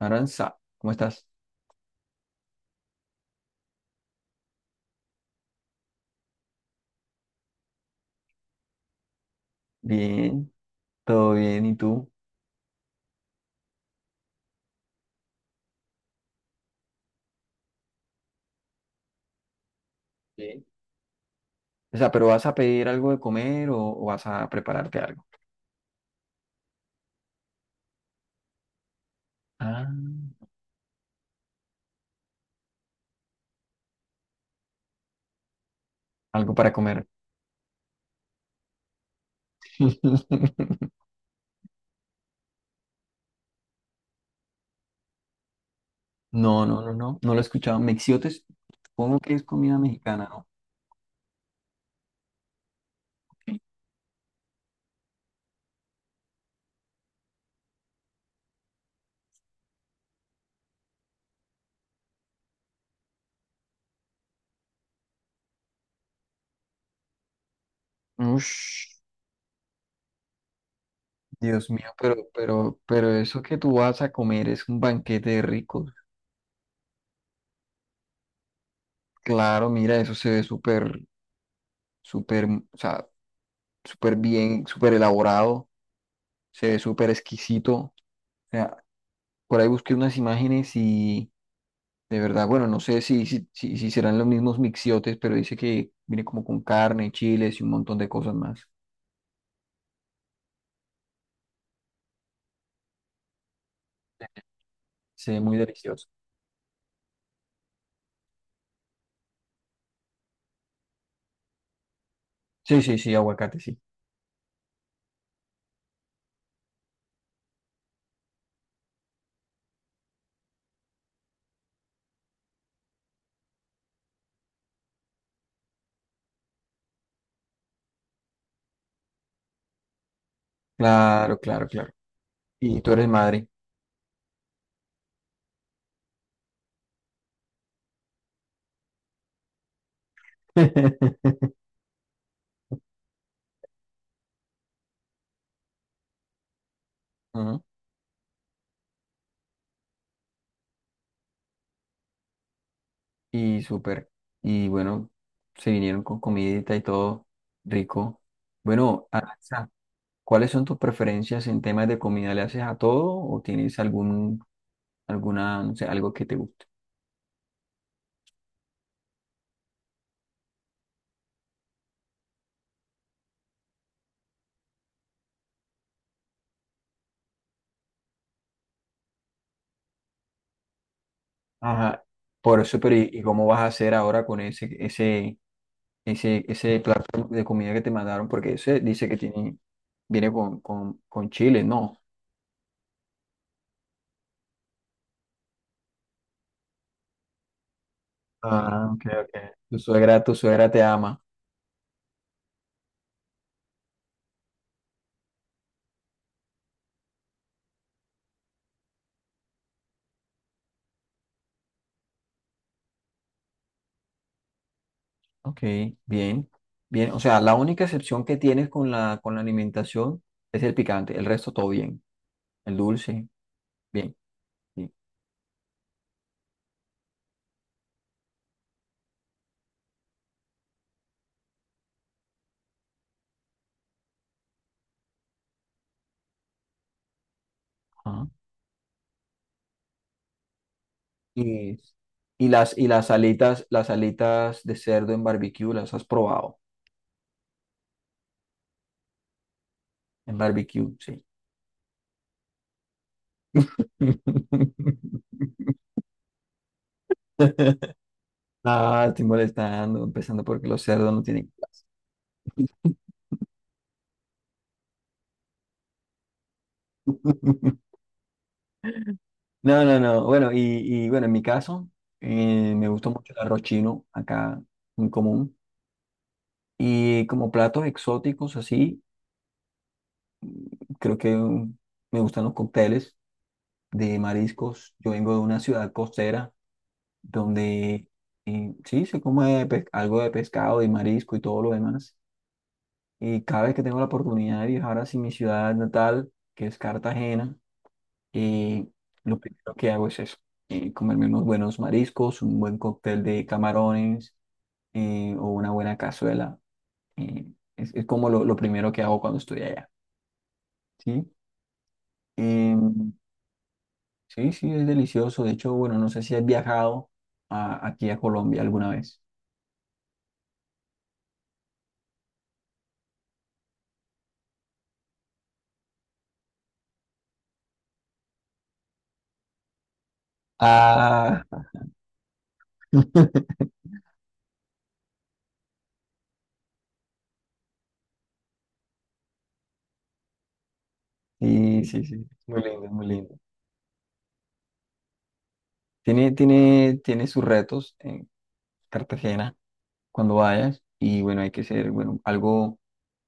Aranza, ¿cómo estás? Bien, todo bien, ¿y tú? Bien. O sea, ¿pero vas a pedir algo de comer o vas a prepararte algo? Ah, algo para comer. No, no, no, no, no lo he escuchado. Mexiotes, supongo que es comida mexicana, ¿no? Ush, Dios mío, pero eso que tú vas a comer es un banquete de ricos. Claro, mira, eso se ve súper, súper bien, súper elaborado, se ve súper exquisito. O sea. Por ahí busqué unas imágenes y de verdad, bueno, no sé si serán los mismos mixiotes, pero dice que viene como con carne, chiles y un montón de cosas más. Se ve muy delicioso. Sí, sí, sí, aguacate, sí. Claro, claro, claro. Y tú eres madre. Ujú. Y súper. Y bueno, se vinieron con comidita y todo rico. Bueno, Aranza, ¿cuáles son tus preferencias en temas de comida? ¿Le haces a todo o tienes alguna, no sé, algo que te guste? Ajá, por eso, pero ¿y cómo vas a hacer ahora con ese plato de comida que te mandaron? Porque ese dice que tiene, viene con chile, ¿no? Ah, ok, ok. Tu suegra te ama. Ok, bien, bien. O sea, la única excepción que tienes con la alimentación es el picante. El resto todo bien. El dulce, bien, bien. Ajá. Y, y las alitas de cerdo en barbecue, ¿las has probado? En barbecue, sí. Ah, estoy molestando, empezando porque los cerdos no tienen clase. No, no, no. Bueno, y bueno, en mi caso, me gusta mucho el arroz chino, acá muy común. Y como platos exóticos, así, creo que me gustan los cócteles de mariscos. Yo vengo de una ciudad costera donde sí se come algo de pescado y marisco y todo lo demás. Y cada vez que tengo la oportunidad de viajar hacia mi ciudad natal, que es Cartagena, eh, lo primero que hago es eso, comerme unos buenos mariscos, un buen cóctel de camarones o una buena cazuela. eh, es como lo primero que hago cuando estoy allá, ¿sí? Em, sí, sí, es delicioso. De hecho, bueno, no sé si has viajado aquí a Colombia alguna vez. Ah, sí, sí, sí, muy lindo, muy lindo. Tiene sus retos en Cartagena. Cuando vayas y bueno, hay que ser, bueno, algo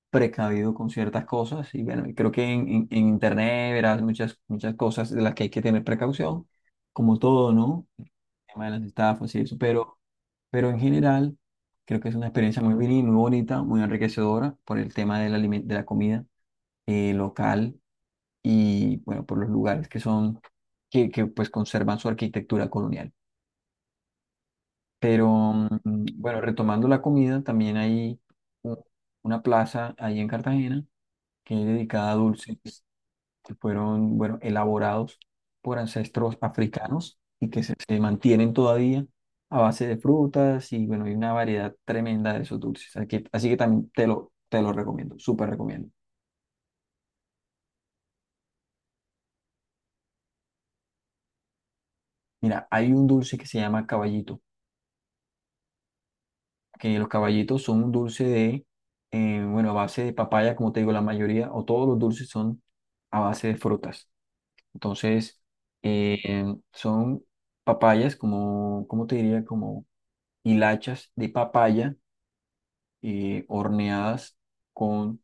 precavido con ciertas cosas y bueno, creo que en internet verás muchas cosas de las que hay que tener precaución, como todo, ¿no? El tema de las estafas y eso, pero en general creo que es una experiencia muy bien, muy bonita, muy enriquecedora por el tema de la comida local y bueno, por los lugares que pues conservan su arquitectura colonial. Pero bueno, retomando la comida, también hay u- una plaza ahí en Cartagena que es dedicada a dulces que fueron, bueno, elaborados por ancestros africanos y que se mantienen todavía a base de frutas y bueno, hay una variedad tremenda de esos dulces. Así que también te lo recomiendo, súper recomiendo. Mira, hay un dulce que se llama caballito. Que los caballitos son un dulce de, bueno, a base de papaya, como te digo, la mayoría o todos los dulces son a base de frutas. Entonces, eh, son papayas como, ¿cómo te diría? Como hilachas de papaya horneadas con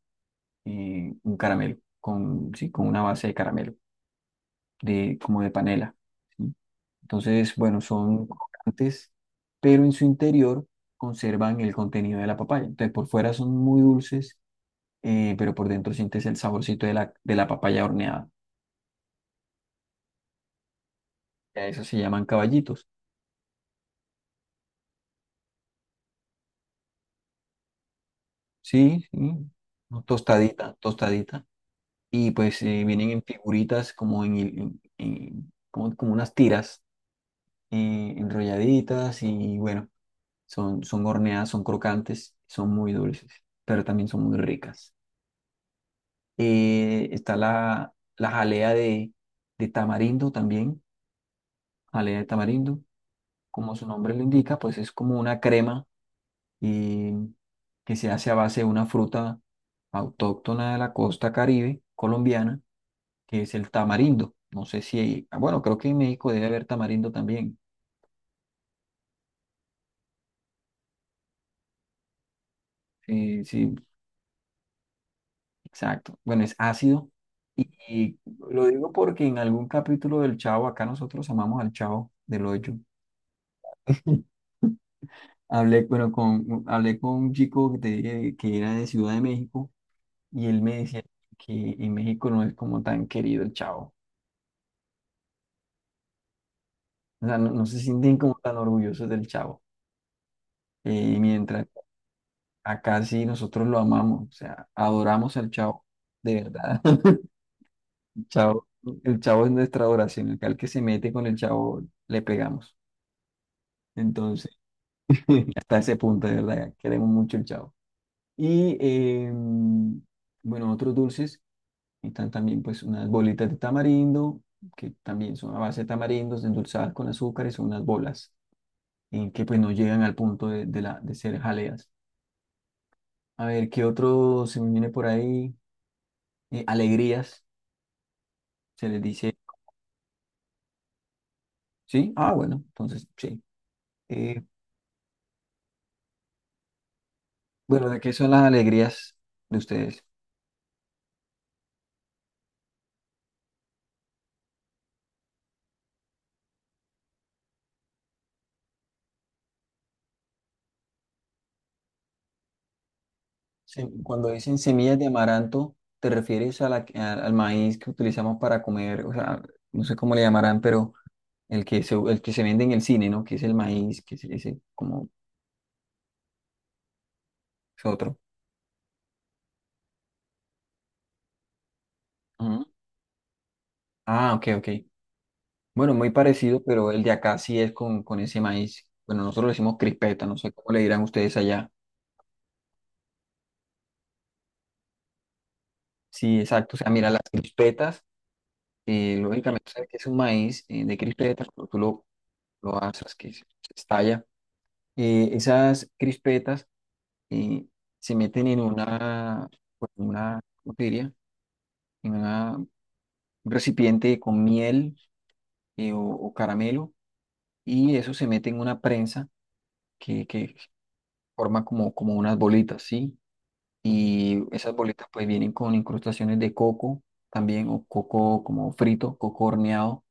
un caramelo, con una base de caramelo, de, como de panela. ¿Sí? Entonces, bueno, son crocantes, pero en su interior conservan el contenido de la papaya. Entonces, por fuera son muy dulces pero por dentro sientes el saborcito de la papaya horneada. A eso se llaman caballitos. Sí, sí, no, tostadita, tostadita. Y pues vienen en figuritas como en- como, como unas tiras enrolladitas y bueno, son, son horneadas, son crocantes, son muy dulces, pero también son muy ricas. Está la jalea de tamarindo también, jalea de tamarindo, como su nombre lo indica, pues es como una crema y que se hace a base de una fruta autóctona de la costa Caribe colombiana, que es el tamarindo. No sé si, bueno, creo que en México debe haber tamarindo también. Sí, sí, exacto. Bueno, es ácido. Y lo digo porque en algún capítulo del Chavo, acá nosotros amamos al Chavo del Hoyo. Hablé, bueno, hablé con un chico que, te dije que era de Ciudad de México y él me decía que en México no es como tan querido el Chavo. O sea, no se sienten como tan orgullosos del Chavo. Y mientras acá sí nosotros lo amamos, o sea, adoramos al Chavo, de verdad. El Chavo, el Chavo es nuestra adoración. Acá el que se mete con el Chavo le pegamos. Entonces, hasta ese punto, de verdad, queremos mucho el Chavo. Y bueno, otros dulces, están también pues unas bolitas de tamarindo, que también son a base de tamarindos endulzadas con azúcar y son unas bolas, en que pues no llegan al punto de ser jaleas. A ver, ¿qué otro se me viene por ahí? Alegrías, se les dice. ¿Sí? Ah, bueno, entonces sí. Eh, bueno, ¿de qué son las alegrías de ustedes? Cuando dicen semillas de amaranto, ¿te refieres a al maíz que utilizamos para comer? O sea, no sé cómo le llamarán, pero el que el que se vende en el cine, ¿no? Que es el maíz, que es ese, como es otro. Ujú. Ah, ok, ok. Bueno, muy parecido, pero el de acá sí es con ese maíz. Bueno, nosotros le decimos crispeta, no sé cómo le dirán ustedes allá. Sí, exacto. O sea, mira, las crispetas, lógicamente, sabes que es un maíz de crispetas, cuando lo asas, que se estalla. Esas crispetas eh, se meten en una, pues, en una, ¿cómo te diría? En una- un recipiente con miel o caramelo, y eso se mete en una prensa que forma como, como unas bolitas, ¿sí? Y esas bolitas, pues, vienen con incrustaciones de coco también, o coco como frito, coco horneado,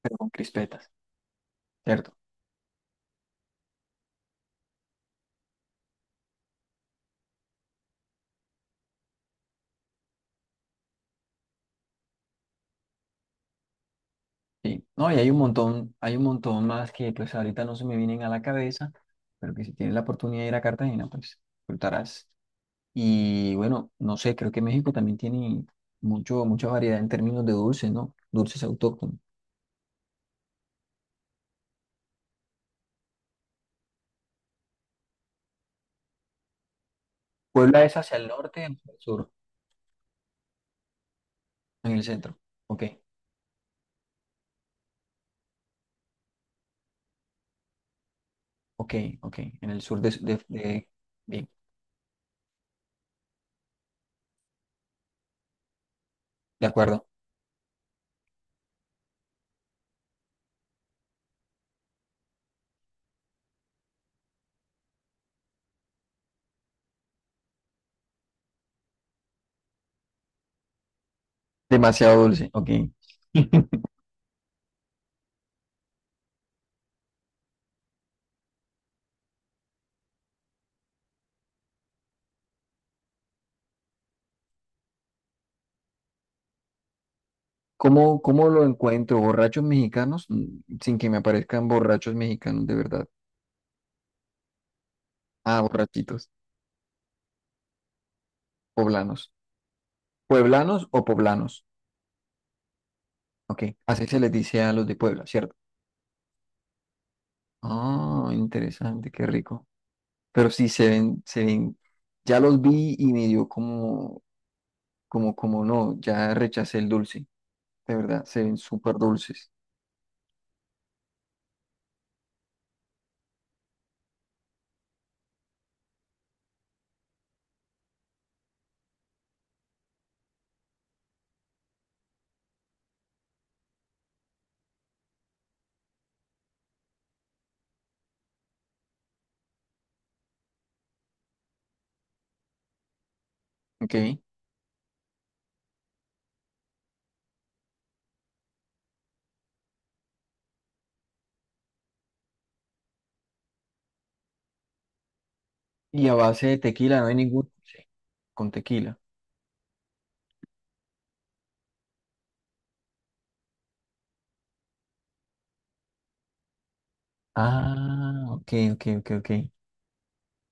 pero con crispetas. Cierto, sí. No, y hay un montón más que pues ahorita no se me vienen a la cabeza, pero que si tienes la oportunidad de ir a Cartagena, pues disfrutarás. Y bueno, no sé, creo que México también tiene mucho, mucha variedad en términos de dulces, ¿no? Dulces autóctonos. Puebla es hacia el norte, o hacia el sur, en el centro. Ok, ok, ok. En el sur bien, de acuerdo. Demasiado dulce, ok. ¿Cómo, cómo lo encuentro? ¿Borrachos mexicanos? Mm, sin que me aparezcan borrachos mexicanos, de verdad. Ah, borrachitos, poblanos. ¿Pueblanos o poblanos? Ok, así se les dice a los de Puebla, ¿cierto? Ah, interesante, qué rico. Pero sí se ven, ya los vi y me dio como no, ya rechacé el dulce, de verdad, se ven súper dulces. Ok, y a base de tequila, no hay ningún dulce con tequila. Ah, ok, ok, ok, ok.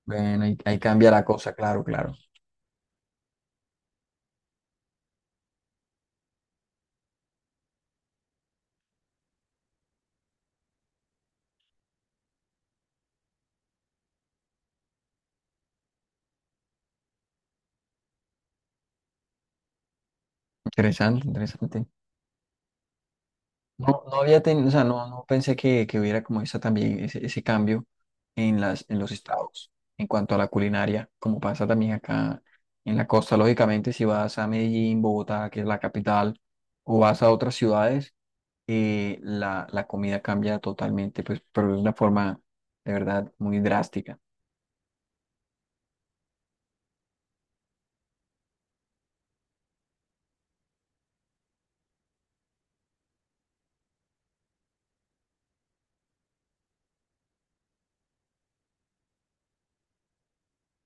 Bueno, ahí cambia la cosa, claro, claro. Interesante, interesante. No, no había tenido, o sea, no, no pensé que hubiera como esa también ese cambio en las, en los estados en cuanto a la culinaria, como pasa también acá en la costa. Lógicamente, si vas a Medellín, Bogotá, que es la capital, o vas a otras ciudades, la comida cambia totalmente, pues, pero de una forma de verdad muy drástica.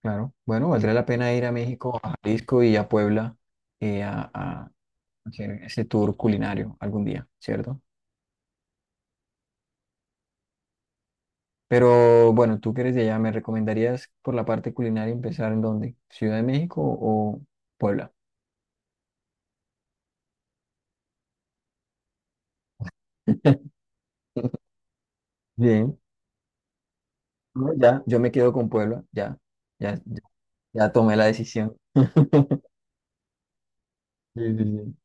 Claro. Bueno, valdría la pena ir a México, a Jalisco y a Puebla a hacer ese tour culinario algún día, ¿cierto? Pero bueno, tú que eres de allá, ¿me recomendarías por la parte culinaria empezar en dónde? ¿Ciudad de México o Puebla? Bien, no, ya, yo me quedo con Puebla, ya, ya, ya, ya tomé la decisión. Sí, sí, sí.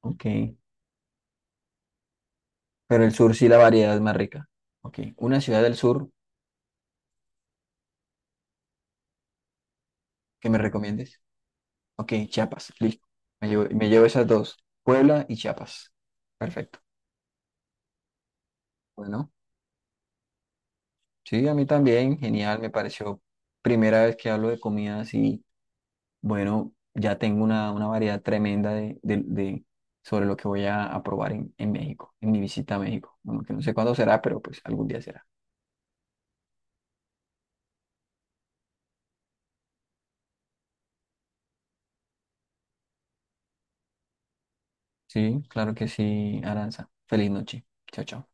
Ok, ok. Pero el sur sí la variedad es más rica. Ok, una ciudad del sur que me recomiendes. Ok, Chiapas, listo. Me llevo esas dos, Puebla y Chiapas. Perfecto. Bueno, sí, a mí también, genial, me pareció primera vez que hablo de comidas. Bueno, ya tengo una variedad tremenda sobre lo que voy a probar en México, en mi visita a México. Bueno, que no sé cuándo será, pero pues algún día será. Sí, claro que sí, Aranza. Feliz noche. Chao, chao.